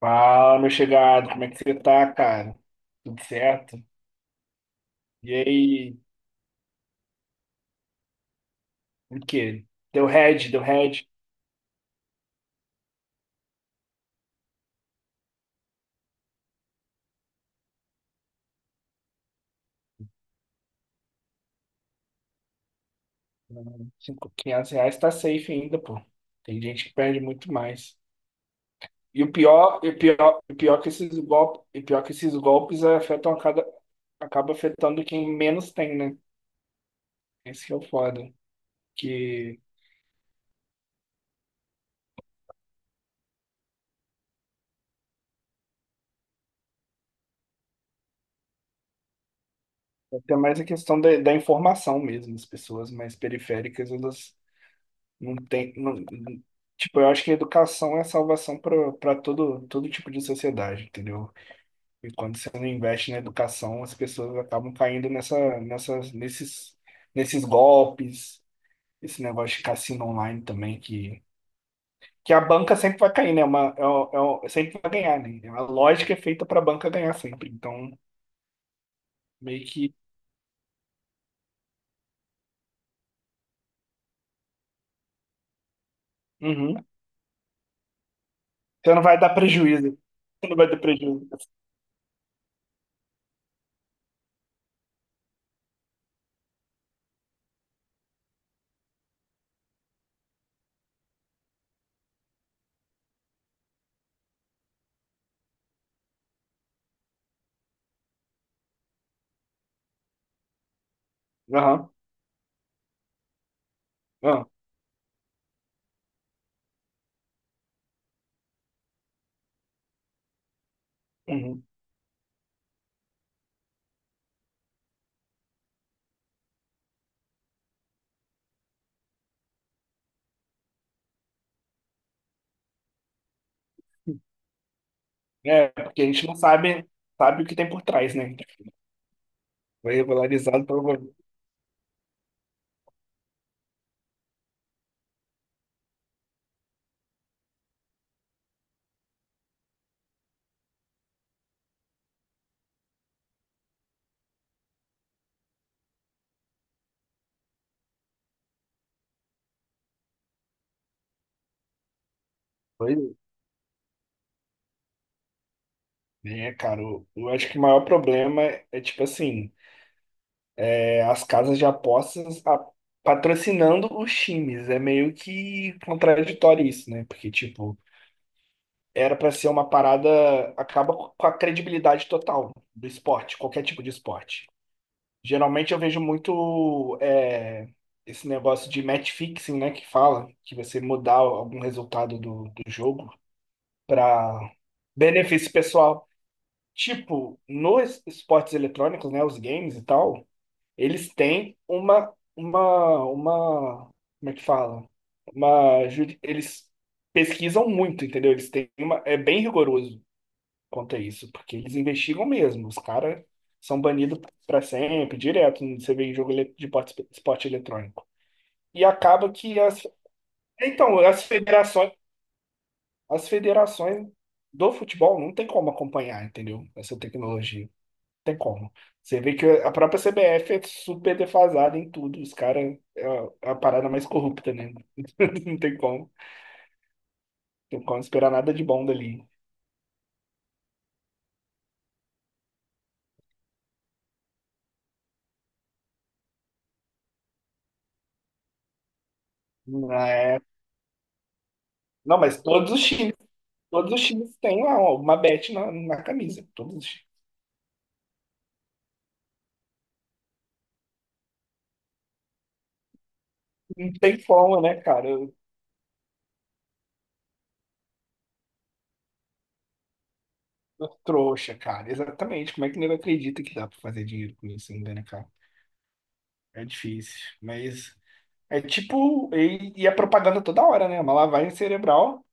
Fala, meu chegado, como é que você tá, cara? Tudo certo? E aí, o quê? Deu head, deu head. R$ 500 tá safe ainda, pô. Tem gente que perde muito mais. E o pior, e o pior, e o pior que esses golpes, acaba afetando quem menos tem, né? Esse que é o foda. Que é até mais a questão da informação mesmo. As pessoas mais periféricas, elas não tem, tipo, eu acho que a educação é a salvação para todo tipo de sociedade, entendeu? E quando você não investe na educação, as pessoas acabam caindo nesses golpes, esse negócio de cassino online também, que a banca sempre vai cair, né? É Uma, é, o- é, o- é sempre vai ganhar, né? A lógica é feita para a banca ganhar sempre. Então, meio que. Uhum. Você não vai dar prejuízo. Você não vai dar prejuízo. Aham. Aham. Uhum. É, porque a gente não sabe, sabe o que tem por trás, né? Foi regularizado pelo governo. É, É, cara, eu acho que o maior problema é, tipo assim, as casas de apostas patrocinando os times. É meio que contraditório isso, né? Porque, tipo, era pra ser uma parada, acaba com a credibilidade total do esporte, qualquer tipo de esporte. Geralmente eu vejo muito esse negócio de match fixing, né? Que fala, que você mudar algum resultado do jogo para benefício pessoal. Tipo, nos esportes eletrônicos, né, os games e tal, eles têm uma, como é que fala? Eles pesquisam muito, entendeu? Eles têm é bem rigoroso quanto a isso, porque eles investigam mesmo. Os caras são banidos para sempre, direto, você vê em jogo de esporte eletrônico. E acaba que as, então, as federações As federações do futebol não tem como acompanhar, entendeu? Essa tecnologia. Não tem como. Você vê que a própria CBF é super defasada em tudo. Os caras é a parada mais corrupta, né? Não tem como. Não tem como esperar nada de bom dali. Não, mas todos os times têm lá uma bet na camisa. Todos os times. Não tem forma, né, cara? Eu trouxa, cara. Exatamente. Como é que o nego acredita que dá pra fazer dinheiro com isso ainda, né, cara? É difícil. Mas é tipo, e é propaganda toda hora, né? Uma lavagem cerebral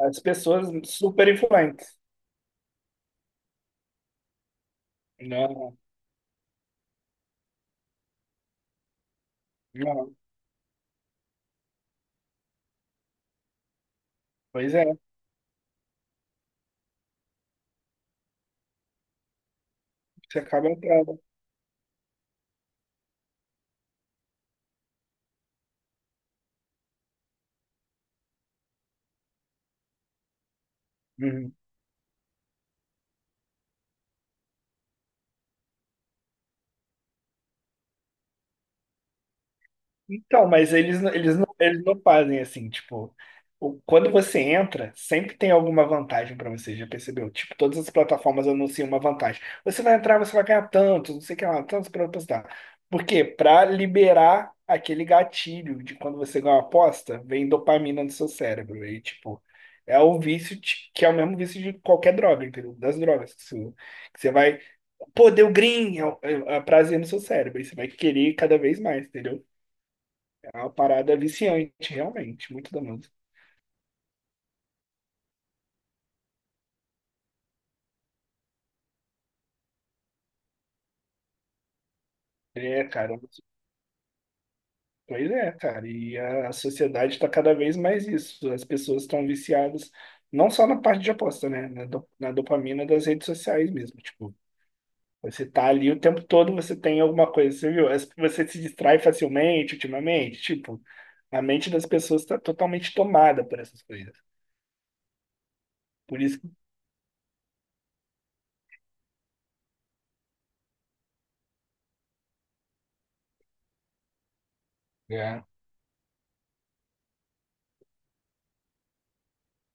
as pessoas super influentes. Não, não. Pois é, você acaba entrando. Uhum. Então, mas eles não fazem assim, tipo, quando você entra, sempre tem alguma vantagem pra você, já percebeu? Tipo, todas as plataformas anunciam uma vantagem. Você vai entrar, você vai ganhar tanto, não sei o que lá, tanto pra apostar. Por quê? Pra liberar aquele gatilho de quando você ganha uma aposta, vem dopamina no seu cérebro. E, tipo, é o vício que é o mesmo vício de qualquer droga, entendeu? Das drogas que você vai. Pô, deu green, é prazer no seu cérebro. E você vai querer cada vez mais, entendeu? É uma parada viciante, realmente, muito da música. É, cara, pois é, cara, e a sociedade está cada vez mais isso. As pessoas estão viciadas, não só na parte de aposta, né? Na dopamina das redes sociais mesmo. Tipo, você tá ali o tempo todo, você tem alguma coisa, você viu? Você se distrai facilmente ultimamente. Tipo, a mente das pessoas está totalmente tomada por essas coisas. Por isso que É,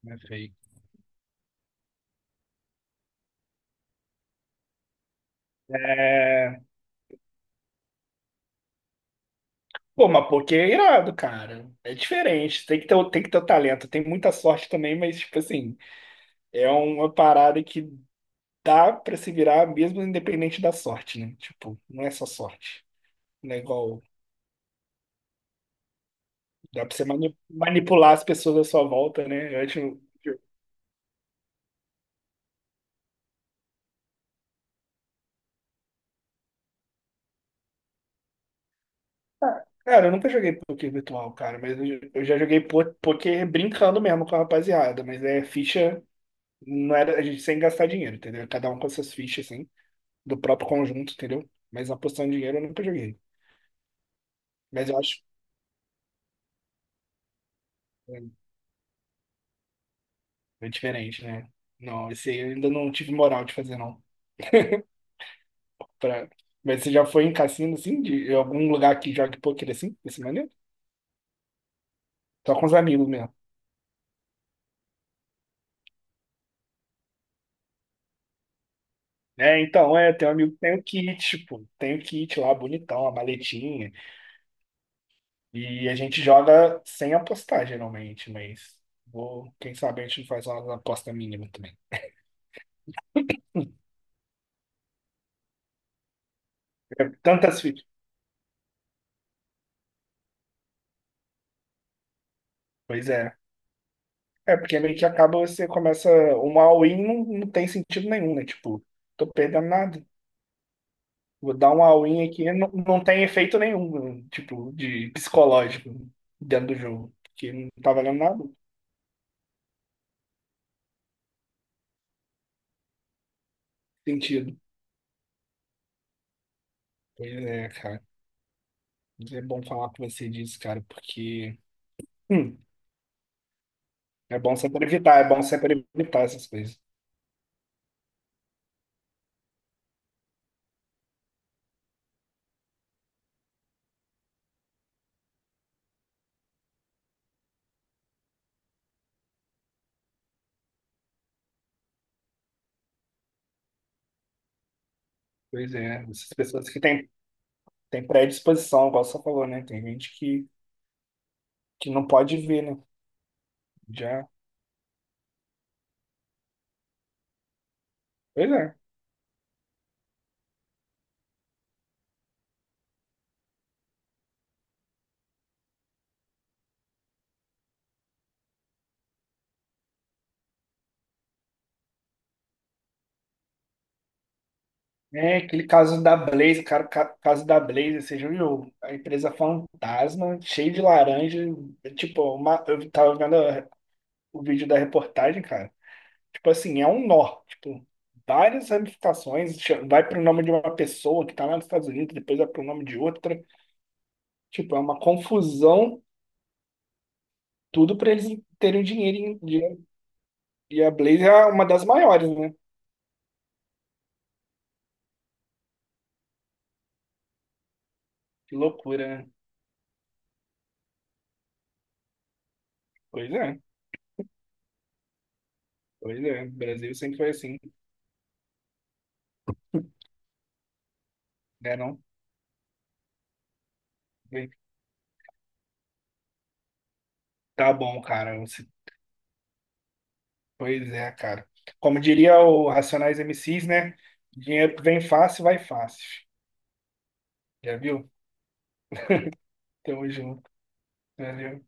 é feio. Pô, mas porque é irado, cara. É diferente. Tem que ter, tem que ter o talento. Tem muita sorte também, mas, tipo assim, é uma parada que dá pra se virar mesmo independente da sorte, né? Tipo, não é só sorte. Não é igual. Dá pra você manipular as pessoas à sua volta, né? Eu acho. Ah, cara, eu nunca joguei poker virtual, cara, mas eu já joguei poker brincando mesmo com a rapaziada, mas é ficha, não era a gente sem gastar dinheiro, entendeu? Cada um com suas fichas, assim. Do próprio conjunto, entendeu? Mas apostando em dinheiro eu nunca joguei. Mas eu acho que é diferente, né? Não, esse aí eu ainda não tive moral de fazer, não. Pra... Mas você já foi em cassino, assim, de algum lugar que jogue poker assim, desse maneiro? Só com os amigos mesmo. É, então, tem um amigo que tem o kit, pô. Tem o kit lá, bonitão, a maletinha. E a gente joga sem apostar, geralmente, mas quem sabe a gente não faz uma aposta mínima também. Tantas fichas. Pois é. É, porque meio que acaba você começa. Um all-in não tem sentido nenhum, né? Tipo, tô perdendo nada. Vou dar um all-in aqui, não tem efeito nenhum, né? Tipo, de psicológico dentro do jogo. Porque não tá valendo nada. Sentido. Pois é, cara. Mas é bom falar com você disso, cara, porque. hum, É bom sempre evitar, é bom sempre evitar essas coisas. Pois é, essas pessoas que têm predisposição, igual você falou, né? Tem gente que não pode ver, né? Já. Pois é. É, aquele caso da Blaze, cara, caso da Blaze, você já viu? A empresa fantasma, cheia de laranja. Eu tava vendo o vídeo da reportagem, cara. Tipo assim, é um nó. Tipo, várias ramificações. Vai pro nome de uma pessoa que tá lá nos Estados Unidos, depois vai pro nome de outra. Tipo, é uma confusão, tudo pra eles terem dinheiro. Dinheiro. E a Blaze é uma das maiores, né? Que loucura, né? Pois é, pois é. O Brasil sempre foi assim, né, não? Tá bom, cara. Pois é, cara. Como diria o Racionais MCs, né? Dinheiro que vem fácil, vai fácil. Já viu? Tamo junto. Valeu.